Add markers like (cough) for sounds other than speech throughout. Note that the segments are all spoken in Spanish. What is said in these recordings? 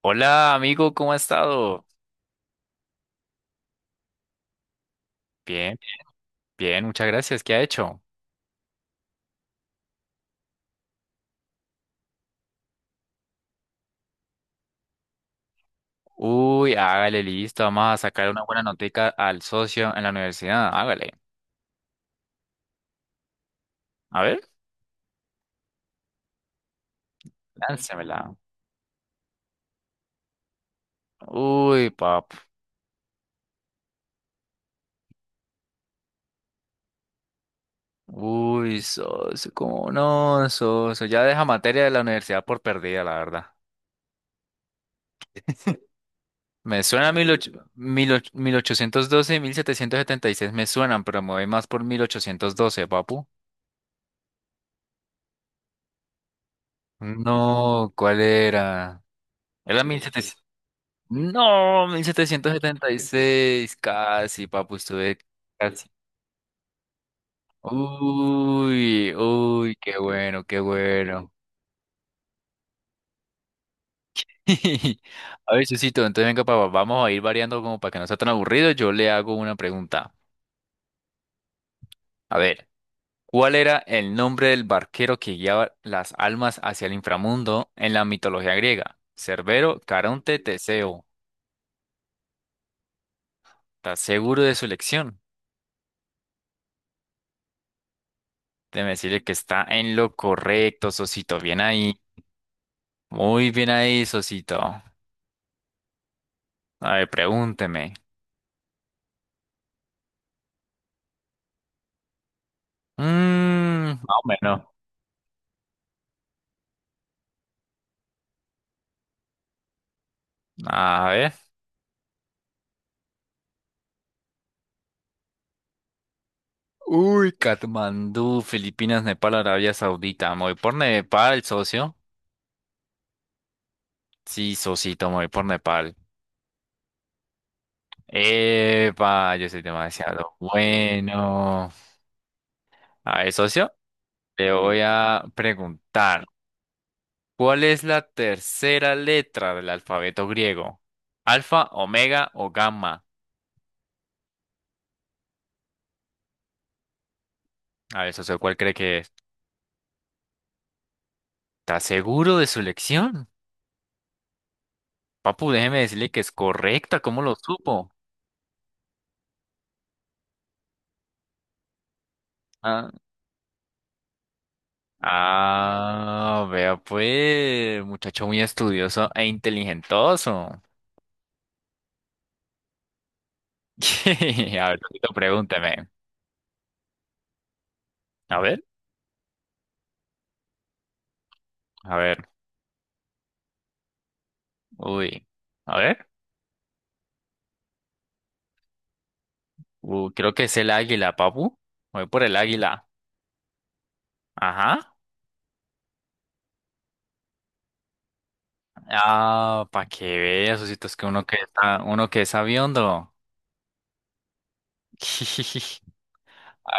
Hola amigo, ¿cómo ha estado? Bien, bien, muchas gracias. ¿Qué ha hecho? Uy, hágale, listo. Vamos a sacar una buena notica al socio en la universidad. Hágale. A ver, láncemela. Uy, pap. Uy, socio, ¿cómo no, socio? Ya deja materia de la universidad por perdida, la verdad. Me suena mil ocho- mil och, mil 18 1812 y 1776. Me suenan, pero me voy más por 1812, papu. No, ¿cuál era? Era 1700. No, mil setecientos setenta y seis, casi, papu, estuve casi. Uy, uy, qué bueno, qué bueno. (laughs) A ver, Susito, entonces venga, papá, vamos a ir variando como para que no sea tan aburrido. Yo le hago una pregunta. A ver, ¿cuál era el nombre del barquero que guiaba las almas hacia el inframundo en la mitología griega? Cerbero, Caronte, Teseo. ¿Estás seguro de su elección? Déjeme decirle que está en lo correcto, Sosito. Bien ahí. Muy bien ahí, Sosito. A ver, pregúnteme. Mm, más o menos. A ver. Uy, Katmandú, Filipinas, Nepal, Arabia Saudita. Me voy por Nepal, socio. Sí, Sosito, me voy por Nepal. Epa, yo soy demasiado bueno. A ver, socio, le voy a preguntar. ¿Cuál es la tercera letra del alfabeto griego? ¿Alfa, omega o gamma? A ver, socio, ¿cuál cree que es? ¿Está seguro de su elección? Papu, déjeme decirle que es correcta, ¿cómo lo supo? Ah, ah, vea pues, muchacho muy estudioso e inteligentoso. (laughs) A ver, Tito, pregúntame. A ver, a ver, uy, a ver, creo que es el águila, papu. Voy por el águila. Ajá. Ah, para que veas, Osito, es que uno que es sabiondo. (laughs)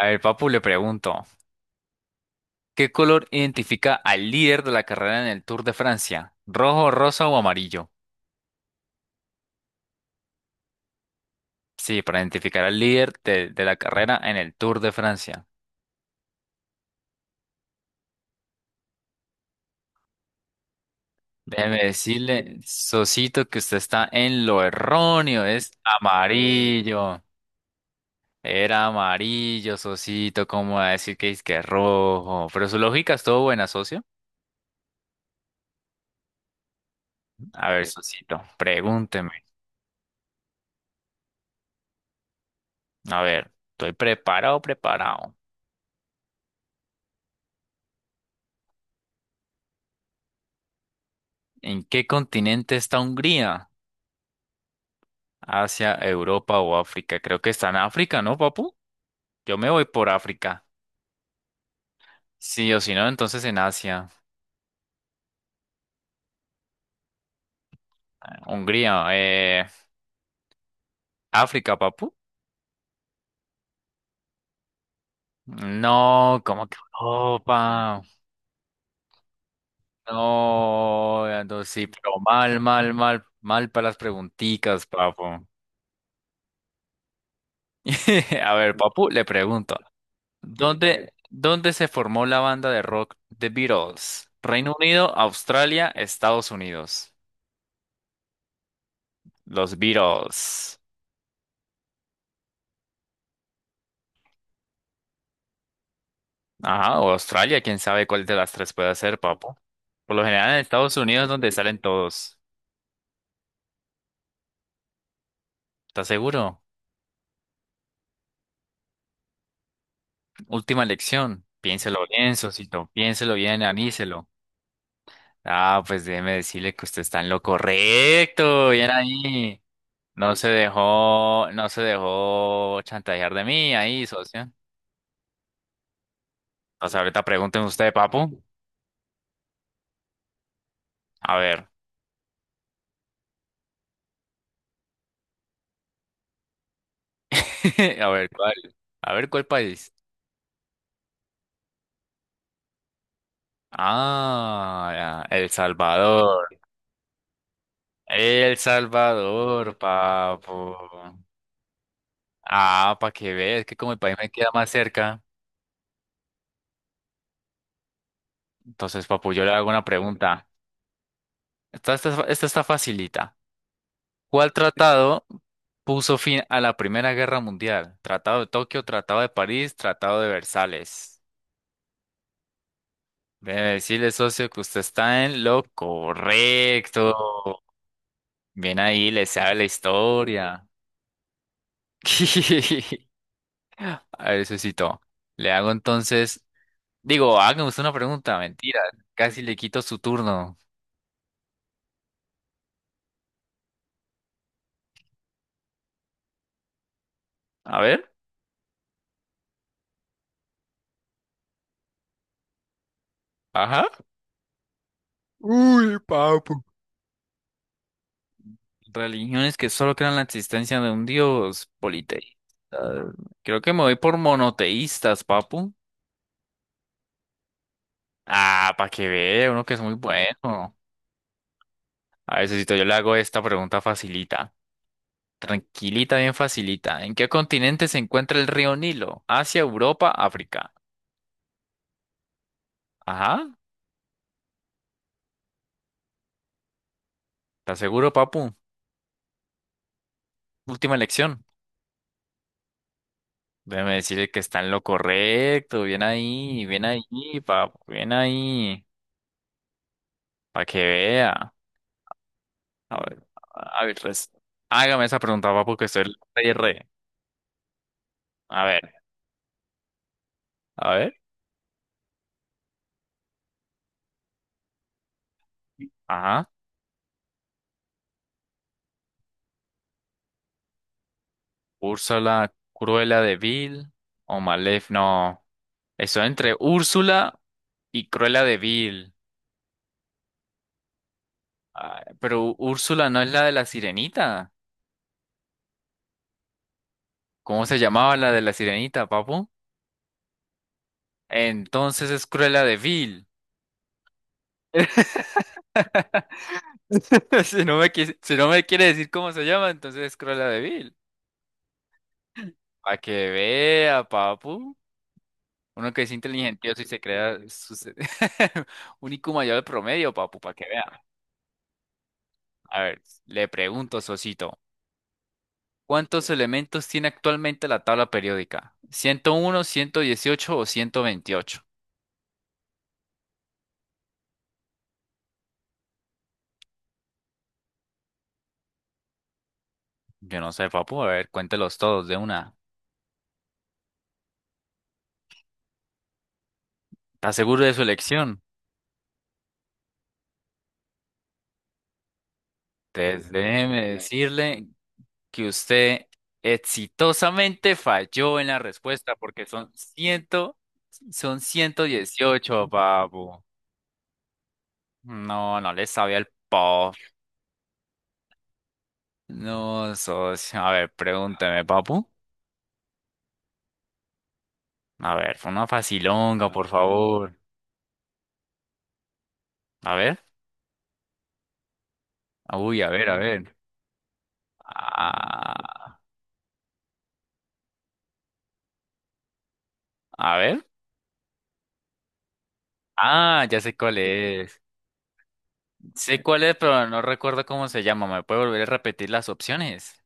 A ver, papu, le pregunto. ¿Qué color identifica al líder de la carrera en el Tour de Francia? ¿Rojo, rosa o amarillo? Sí, para identificar al líder de la carrera en el Tour de Francia. Déjeme decirle, Sosito, que usted está en lo erróneo. Es amarillo. Era amarillo, Sosito. ¿Cómo va a decir que es rojo? Pero su lógica estuvo buena, socio. A ver, Sosito, pregúnteme. A ver, estoy preparado, preparado. ¿En qué continente está Hungría? Asia, Europa o África. Creo que está en África, ¿no, papu? Yo me voy por África. Sí o si no, entonces en Asia. Hungría, África, papu. No, como que Europa. No, ando sí, pero mal, mal, mal, mal para las pregunticas, papu. (laughs) A ver, papu, le pregunto. ¿Dónde se formó la banda de rock The Beatles? Reino Unido, Australia, Estados Unidos. Los Beatles. Ajá, o Australia, quién sabe cuál de las tres puede ser, papo. Por lo general en Estados Unidos es donde salen todos. ¿Estás seguro? Última elección. Piénselo bien, Sosito. Piénselo bien, aníselo. Ah, pues déjeme decirle que usted está en lo correcto. Bien ahí. No se dejó chantajear de mí ahí, socio. Pues ahorita pregunten usted, papo. A ver. (laughs) A ver, ¿cuál? A ver, ¿cuál país? Ah, ya, El Salvador. El Salvador, papo. Ah, para que veas, que como el país me queda más cerca. Entonces, papu, yo le hago una pregunta. Esta está facilita. ¿Cuál tratado puso fin a la Primera Guerra Mundial? ¿Tratado de Tokio, Tratado de París, Tratado de Versalles? Debe decirle, socio, que usted está en lo correcto. Bien ahí, le sabe la historia. (laughs) A ver, socito. Le hago entonces Digo, hágame usted una pregunta, mentira. Casi le quito su turno. A ver. Ajá. Uy, papu. Religiones que solo crean la existencia de un dios politeísta. Creo que me voy por monoteístas, papu. Ah, para que vea, uno que es muy bueno. A ver, Sosito, yo le hago esta pregunta facilita. Tranquilita, bien facilita. ¿En qué continente se encuentra el río Nilo? Asia, Europa, África. Ajá, ¿estás seguro, papu? Última elección. Déjeme decirle que está en lo correcto. Bien ahí, papu, bien ahí. Para que vea. A ver, a ver, hágame esa pregunta, papu, que estoy re, re. A ver, a ver. Ajá. Úrsula, Cruella de Vil o Malef. No. Estoy entre Úrsula y Cruella de Vil. Ah, pero Úrsula no es la de la sirenita. ¿Cómo se llamaba la de la sirenita, papu? Entonces es Cruella de Vil. (laughs) (laughs) Si no me quiere decir cómo se llama, entonces es Cruella de Vil. Para que vea, papu. Uno que es inteligentioso (laughs) un IQ mayor al promedio, papu, para que vea. A ver, le pregunto, Sosito. ¿Cuántos elementos tiene actualmente la tabla periódica? 101, 118 o 128. Yo no sé, papu. A ver, cuéntelos todos de una. ¿Está seguro de su elección? Entonces, déjeme decirle que usted exitosamente falló en la respuesta porque son 118, papu. No, no le sabía el pop. No, socio. A ver, pregúnteme, papu. A ver, fue una facilonga, por favor. A ver. Uy, a ver, a ver. Ah, a ver. Ah, ya sé cuál es. Sé cuál es, pero no recuerdo cómo se llama. ¿Me puede volver a repetir las opciones?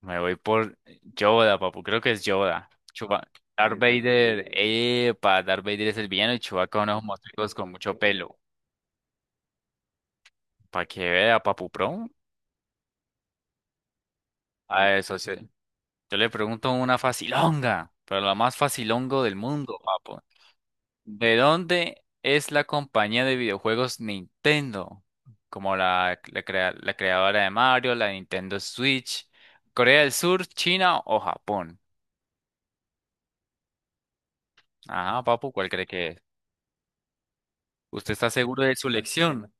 Me voy por Yoda, papu. Creo que es Yoda. Chuba Darth Vader. Epa, Darth Vader es el villano y Chewbacca unos monstruos con mucho pelo. Para que vea, papu, pro. A eso sí. Yo le pregunto una facilonga, pero la más facilongo del mundo, papu. ¿De dónde es la compañía de videojuegos Nintendo? Como la creadora de Mario, la Nintendo Switch. ¿Corea del Sur, China o Japón? Ajá, papu, ¿cuál cree que es? ¿Usted está seguro de su elección?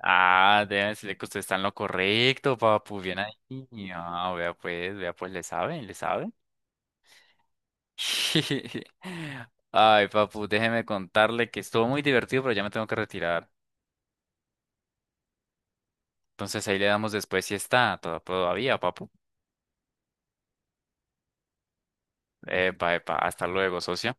Ah, deben decirle que usted está en lo correcto, papu. Bien ahí. Ah, vea pues, le saben, le saben. (laughs) Ay, papu, déjeme contarle que estuvo muy divertido, pero ya me tengo que retirar. Entonces ahí le damos después si está todavía, papu. Epa, epa, hasta luego, socio.